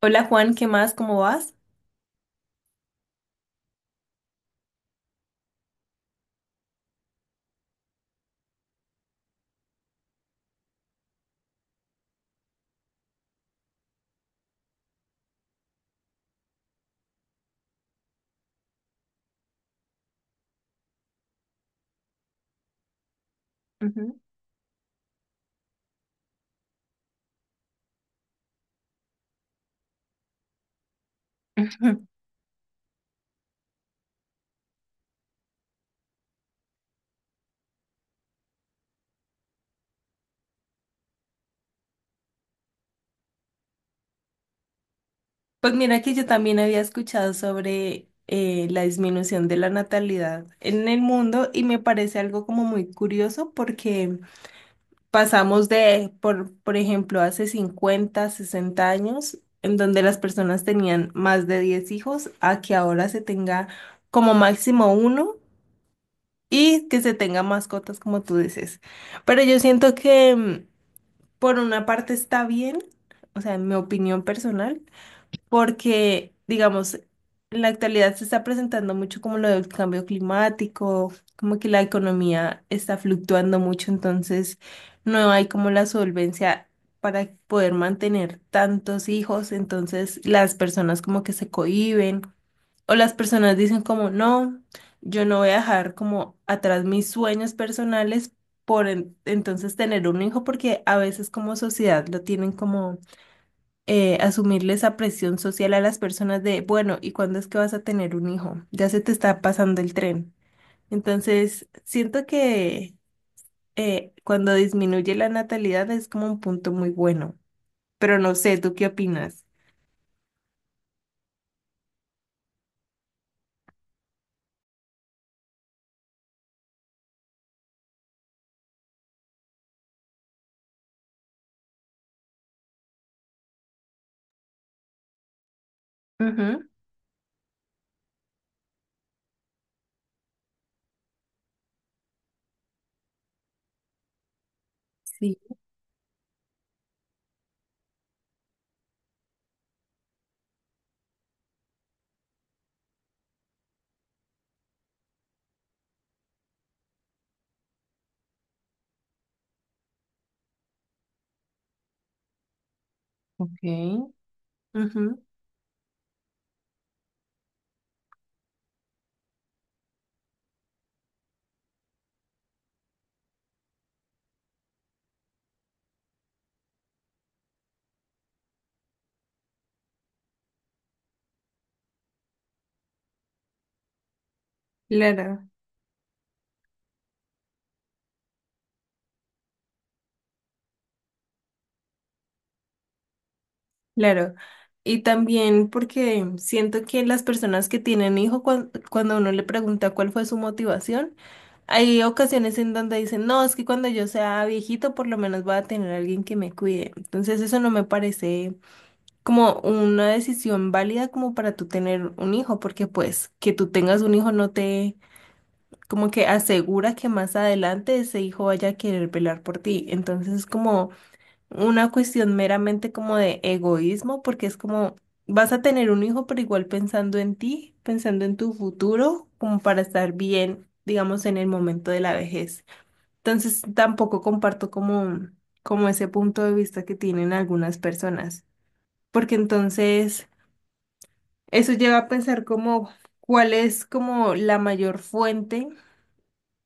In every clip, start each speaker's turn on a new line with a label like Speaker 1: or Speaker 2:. Speaker 1: Hola Juan, ¿qué más? ¿Cómo vas? Ujú. Pues mira que yo también había escuchado sobre la disminución de la natalidad en el mundo y me parece algo como muy curioso porque pasamos de, por ejemplo, hace 50, 60 años, en donde las personas tenían más de 10 hijos, a que ahora se tenga como máximo uno y que se tenga mascotas, como tú dices. Pero yo siento que... por una parte está bien, o sea, en mi opinión personal, porque, digamos, en la actualidad se está presentando mucho como lo del cambio climático, como que la economía está fluctuando mucho, entonces no hay como la solvencia para poder mantener tantos hijos, entonces las personas como que se cohíben. O las personas dicen como, no, yo no voy a dejar como atrás mis sueños personales por entonces tener un hijo, porque a veces como sociedad lo tienen como asumirle esa presión social a las personas de, bueno, ¿y cuándo es que vas a tener un hijo? Ya se te está pasando el tren. Entonces, siento que cuando disminuye la natalidad es como un punto muy bueno, pero no sé, ¿tú qué opinas? Ujú, sí, ok, ujú, Lara. Claro, y también porque siento que las personas que tienen hijo, cuando uno le pregunta cuál fue su motivación, hay ocasiones en donde dicen, no, es que cuando yo sea viejito por lo menos voy a tener a alguien que me cuide. Entonces eso no me parece como una decisión válida como para tú tener un hijo, porque pues que tú tengas un hijo no te como que asegura que más adelante ese hijo vaya a querer velar por ti. Entonces es como una cuestión meramente como de egoísmo, porque es como vas a tener un hijo, pero igual pensando en ti, pensando en tu futuro, como para estar bien, digamos, en el momento de la vejez. Entonces, tampoco comparto como, como ese punto de vista que tienen algunas personas, porque entonces eso lleva a pensar como cuál es como la mayor fuente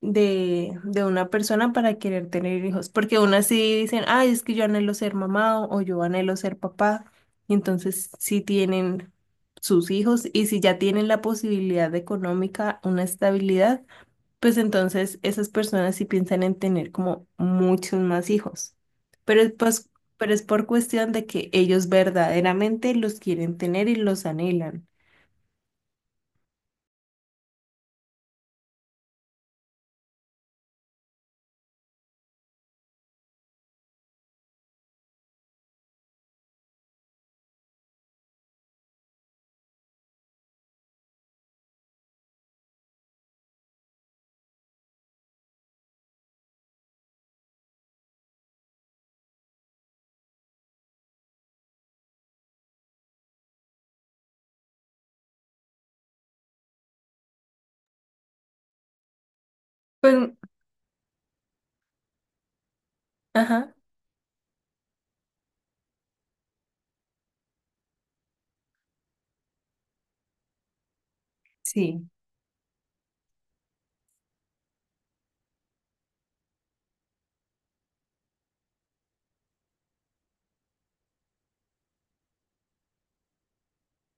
Speaker 1: de una persona para querer tener hijos, porque aún así dicen, ay, es que yo anhelo ser mamá o yo anhelo ser papá, y entonces sí tienen sus hijos y si ya tienen la posibilidad económica, una estabilidad, pues entonces esas personas sí piensan en tener como muchos más hijos, pero es pues, pero es por cuestión de que ellos verdaderamente los quieren tener y los anhelan. Pues, ajá, sí,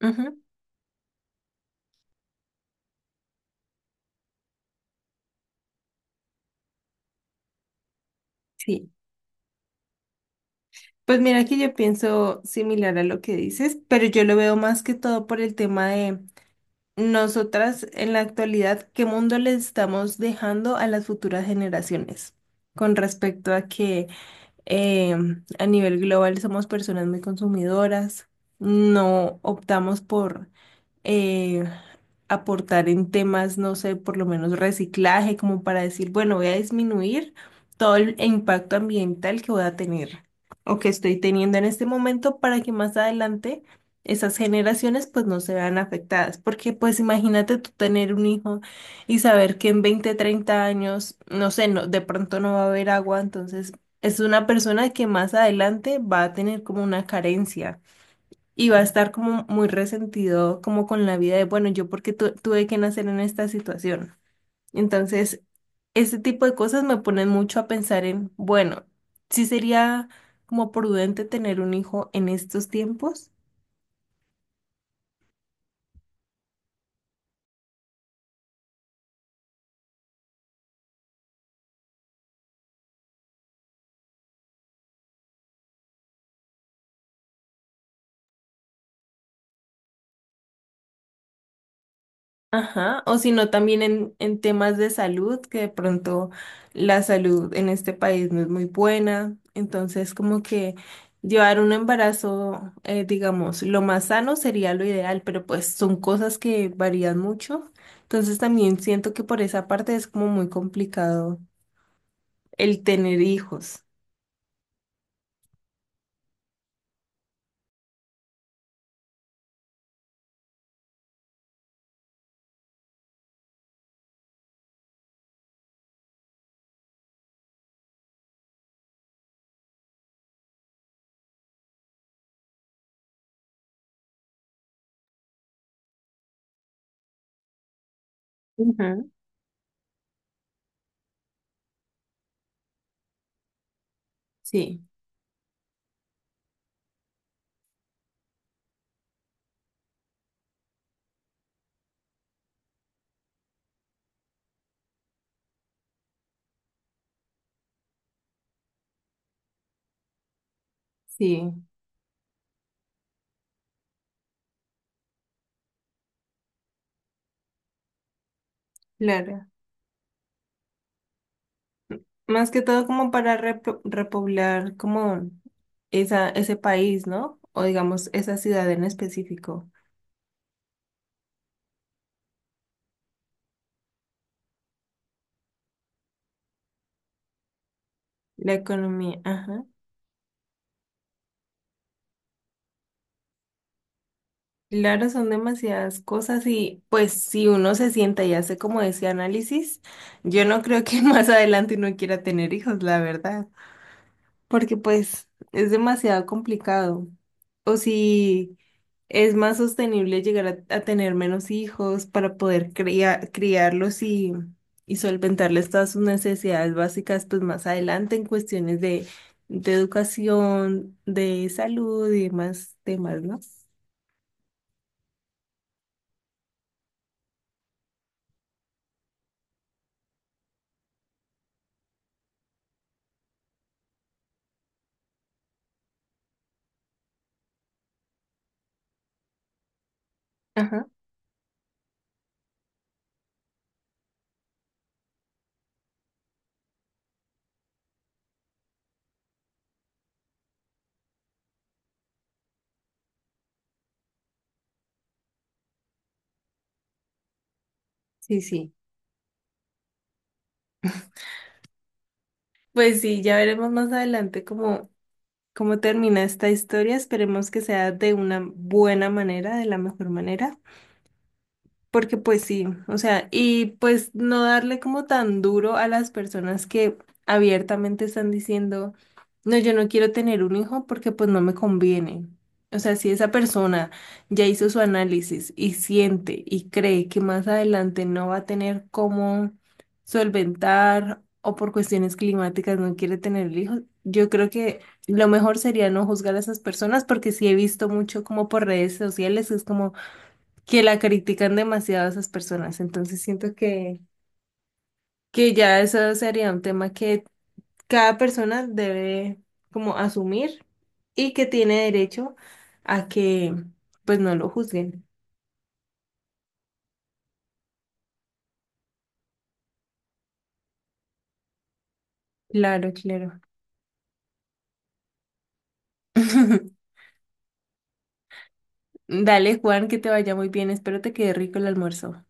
Speaker 1: ujú, sí. Pues mira que yo pienso similar a lo que dices, pero yo lo veo más que todo por el tema de nosotras en la actualidad, qué mundo le estamos dejando a las futuras generaciones con respecto a que eh, a nivel global somos personas muy consumidoras, no optamos por eh, aportar en temas, no sé, por lo menos reciclaje, como para decir, bueno, voy a disminuir todo el impacto ambiental que voy a tener o que estoy teniendo en este momento para que más adelante esas generaciones pues no se vean afectadas. Porque pues imagínate tú tener un hijo y saber que en 20, 30 años, no sé, no, de pronto no va a haber agua, entonces es una persona que más adelante va a tener como una carencia. Y va a estar como muy resentido, como con la vida de, bueno, yo porque tuve que nacer en esta situación. Entonces, ese tipo de cosas me ponen mucho a pensar en, bueno, ¿si sería como prudente tener un hijo en estos tiempos? Ajá, o si no, también en temas de salud, que de pronto la salud en este país no es muy buena, entonces como que llevar un embarazo, digamos, lo más sano sería lo ideal, pero pues son cosas que varían mucho, entonces también siento que por esa parte es como muy complicado el tener hijos. Ujú. Sí, sí, claro. Más que todo como para repoblar como esa, ese país, ¿no? O digamos, esa ciudad en específico, la economía, ajá. Claro, son demasiadas cosas y pues si uno se sienta y hace como ese análisis, yo no creo que más adelante uno quiera tener hijos, la verdad. Porque pues es demasiado complicado. O si es más sostenible llegar a tener menos hijos para poder criarlos y solventarles todas sus necesidades básicas, pues más adelante en cuestiones de educación, de salud y demás temas, ¿no? Ajá, sí, sí. Pues sí, ya veremos más adelante cómo, cómo termina esta historia. Esperemos que sea de una buena manera, de la mejor manera. Porque pues sí, o sea, y pues no darle como tan duro a las personas que abiertamente están diciendo, no, yo no quiero tener un hijo porque pues no me conviene. O sea, si esa persona ya hizo su análisis y siente y cree que más adelante no va a tener cómo solventar o por cuestiones climáticas no quiere tener el hijo, yo creo que lo mejor sería no juzgar a esas personas porque sí he visto mucho como por redes sociales, es como que la critican demasiado a esas personas. Entonces siento que ya eso sería un tema que cada persona debe como asumir y que tiene derecho a que pues no lo juzguen. Claro, claro. Dale, Juan, que te vaya muy bien. Espero te quede rico el almuerzo.